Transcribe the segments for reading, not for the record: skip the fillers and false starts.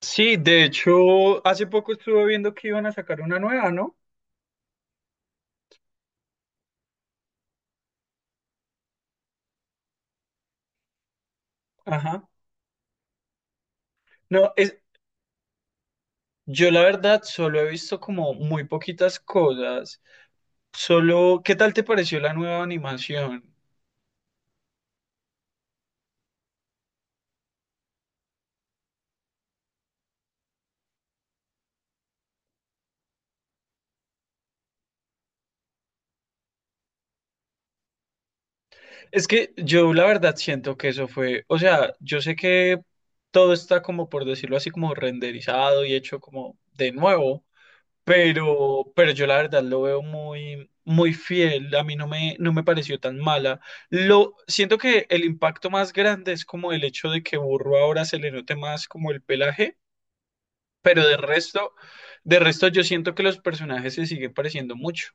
Sí, de hecho, hace poco estuve viendo que iban a sacar una nueva, ¿no? Ajá. No, es, yo la verdad solo he visto como muy poquitas cosas. Solo, ¿qué tal te pareció la nueva animación? Es que yo la verdad siento que eso fue, o sea, yo sé que todo está como por decirlo así como renderizado y hecho como de nuevo. Pero yo la verdad lo veo muy, muy fiel. A mí no me pareció tan mala. Siento que el impacto más grande es como el hecho de que Burro ahora se le note más como el pelaje, pero de resto yo siento que los personajes se siguen pareciendo mucho.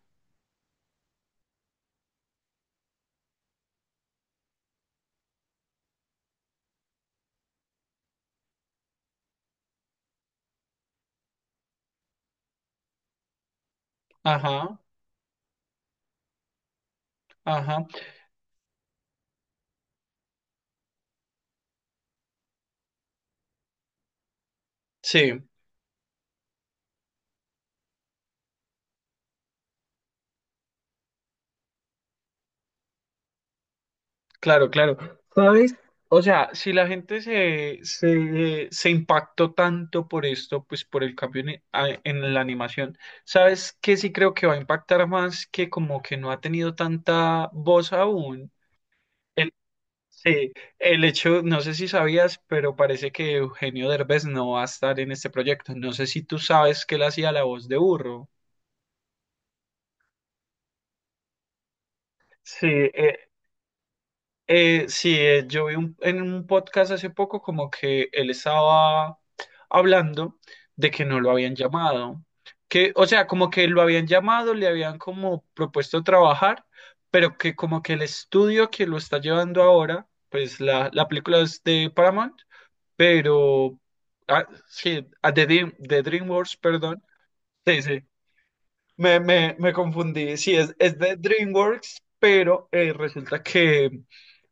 Ajá, ajá. Sí. Claro, claro. ¿Sabes? O sea, si la gente se impactó tanto por esto, pues por el cambio en, en la animación, ¿sabes qué sí creo que va a impactar más que como que no ha tenido tanta voz aún? El, sí, el hecho, no sé si sabías, pero parece que Eugenio Derbez no va a estar en este proyecto. No sé si tú sabes que él hacía la voz de burro. Sí, sí, yo vi en un podcast hace poco como que él estaba hablando de que no lo habían llamado, que, o sea, como que lo habían llamado, le habían como propuesto trabajar, pero que como que el estudio que lo está llevando ahora, pues la película es de Paramount, pero, de DreamWorks, perdón, sí, sí, me confundí. Sí, es de DreamWorks, pero resulta que,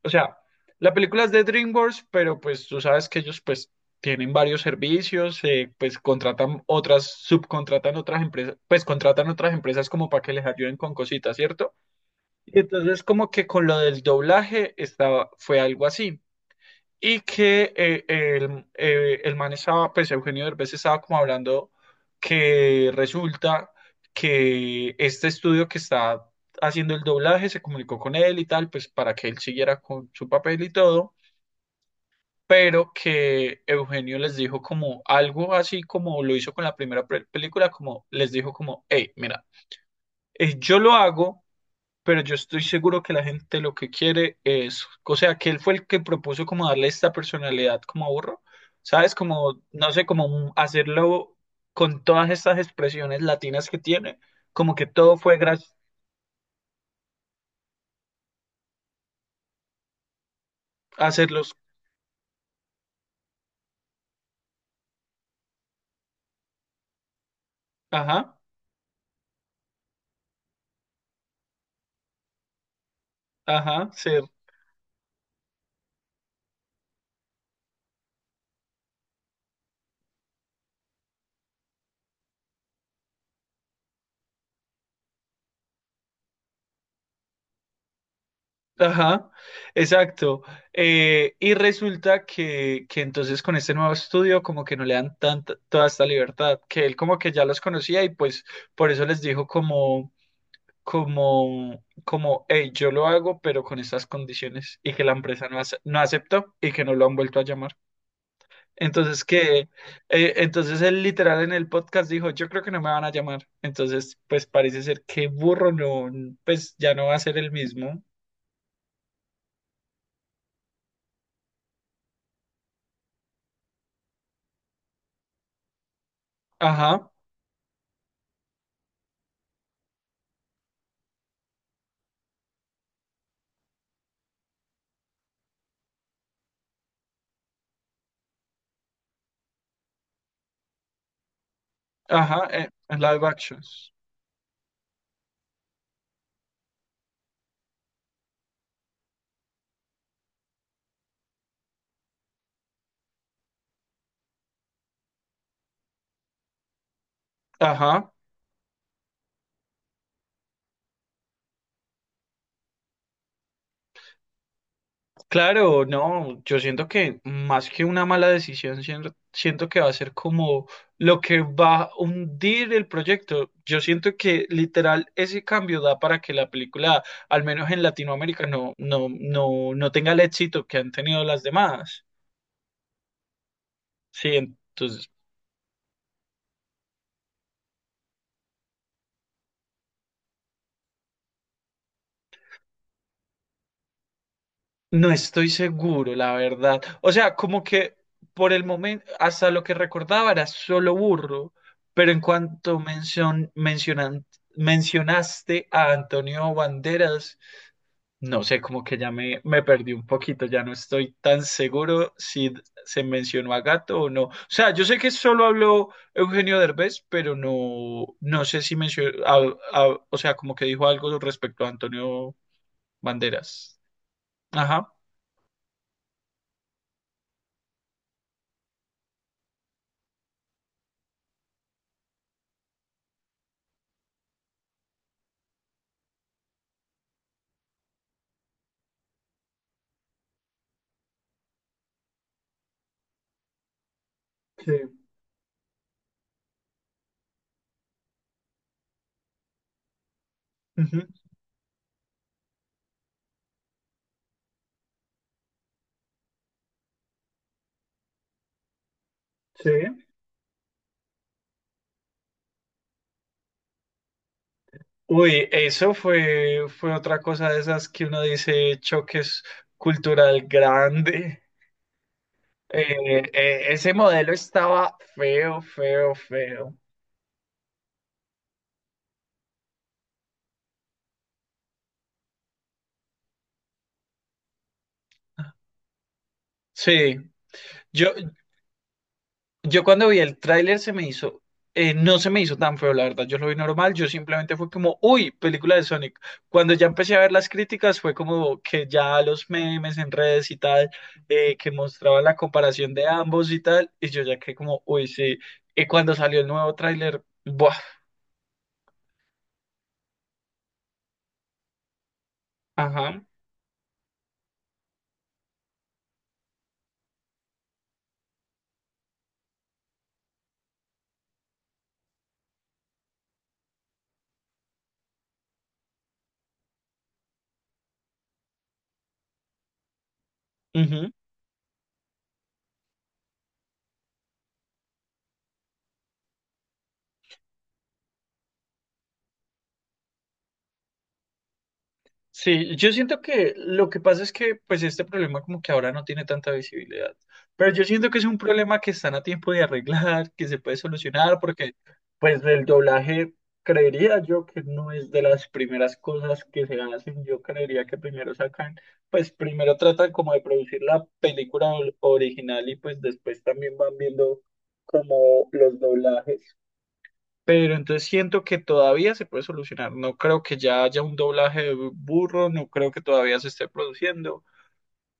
o sea, la película es de DreamWorks, pero pues tú sabes que ellos pues tienen varios servicios, pues contratan otras, subcontratan otras empresas, pues contratan otras empresas como para que les ayuden con cositas, ¿cierto? Y entonces como que con lo del doblaje estaba, fue algo así y que el man estaba, pues Eugenio Derbez estaba como hablando que resulta que este estudio que está haciendo el doblaje se comunicó con él y tal, pues para que él siguiera con su papel y todo, pero que Eugenio les dijo como algo así como lo hizo con la primera película, como les dijo como, hey, mira, yo lo hago, pero yo estoy seguro que la gente lo que quiere es, o sea, que él fue el que propuso como darle esta personalidad como a Burro, ¿sabes? Como, no sé, hacerlo con todas estas expresiones latinas que tiene, como que todo fue gracias a hacerlos, ajá, ajá, ajá, exacto. Y resulta que entonces con este nuevo estudio como que no le dan tanta, toda esta libertad, que él como que ya los conocía y pues por eso les dijo como... como, como, hey, yo lo hago, pero con estas condiciones y que la empresa no, no aceptó y que no lo han vuelto a llamar. Entonces, entonces él literal en el podcast dijo, yo creo que no me van a llamar. Entonces, pues parece ser que burro no, pues ya no va a ser el mismo. Ajá, ajá, live actions. Ajá. Claro, no, yo siento que más que una mala decisión, siento que va a ser como lo que va a hundir el proyecto. Yo siento que literal ese cambio da para que la película, al menos en Latinoamérica, no, no, no, no tenga el éxito que han tenido las demás. Sí, entonces no estoy seguro, la verdad. O sea, como que por el momento, hasta lo que recordaba era solo burro, pero en cuanto mencionaste a Antonio Banderas, no sé, como que ya me perdí un poquito, ya no estoy tan seguro si se mencionó a Gato o no. O sea, yo sé que solo habló Eugenio Derbez, pero no, no sé si mencionó, o sea, como que dijo algo respecto a Antonio Banderas. Ajá. Sí. Ujú. Sí. Uy, eso fue, fue otra cosa de esas que uno dice choques cultural grande. Ese modelo estaba feo, feo, feo. Sí, yo, Yo cuando vi el tráiler se me hizo, no se me hizo tan feo, la verdad, yo lo vi normal, yo simplemente fue como, uy, película de Sonic. Cuando ya empecé a ver las críticas fue como que ya los memes en redes y tal, que mostraban la comparación de ambos y tal, y yo ya que como, uy, sí. Y cuando salió el nuevo tráiler, buah, ajá, ujú. Sí, yo siento que lo que pasa es que pues este problema como que ahora no tiene tanta visibilidad, pero yo siento que es un problema que están a tiempo de arreglar, que se puede solucionar, porque pues el doblaje creería yo que no es de las primeras cosas que se hacen, yo creería que primero sacan, pues primero tratan como de producir la película original y pues después también van viendo como los doblajes. Pero entonces siento que todavía se puede solucionar. No creo que ya haya un doblaje de burro, no creo que todavía se esté produciendo.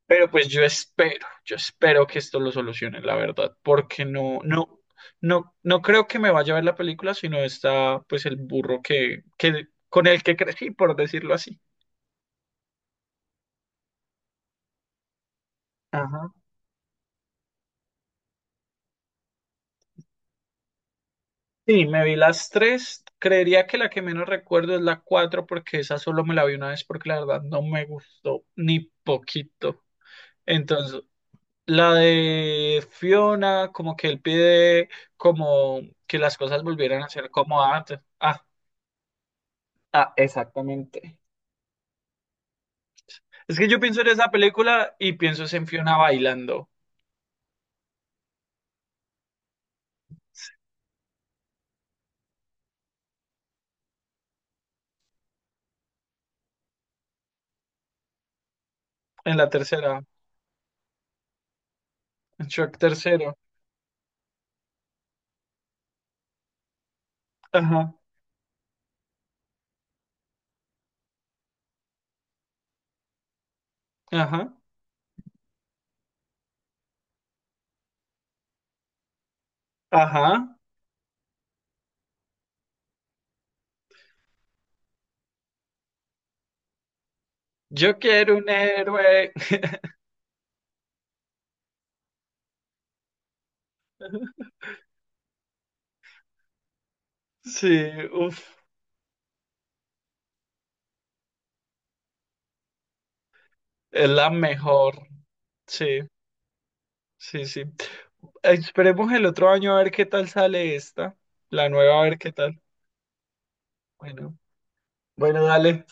Pero pues yo espero que esto lo solucione, la verdad, porque no, no, no, no creo que me vaya a ver la película, sino está pues el burro que con el que crecí, por decirlo así. Ajá. Sí, me vi las tres. Creería que la que menos recuerdo es la cuatro, porque esa solo me la vi una vez, porque la verdad no me gustó ni poquito. Entonces, la de Fiona, como que él pide como que las cosas volvieran a ser como antes. Ah, es que yo pienso en esa película y pienso es en Fiona bailando en la tercera, en Shrek tercero. Ajá, ajá, ajá. Yo quiero un héroe. Sí, uff, es la mejor. Sí, sí, sí. Esperemos el otro año a ver qué tal sale esta, la nueva a ver qué tal. Bueno, bueno, dale.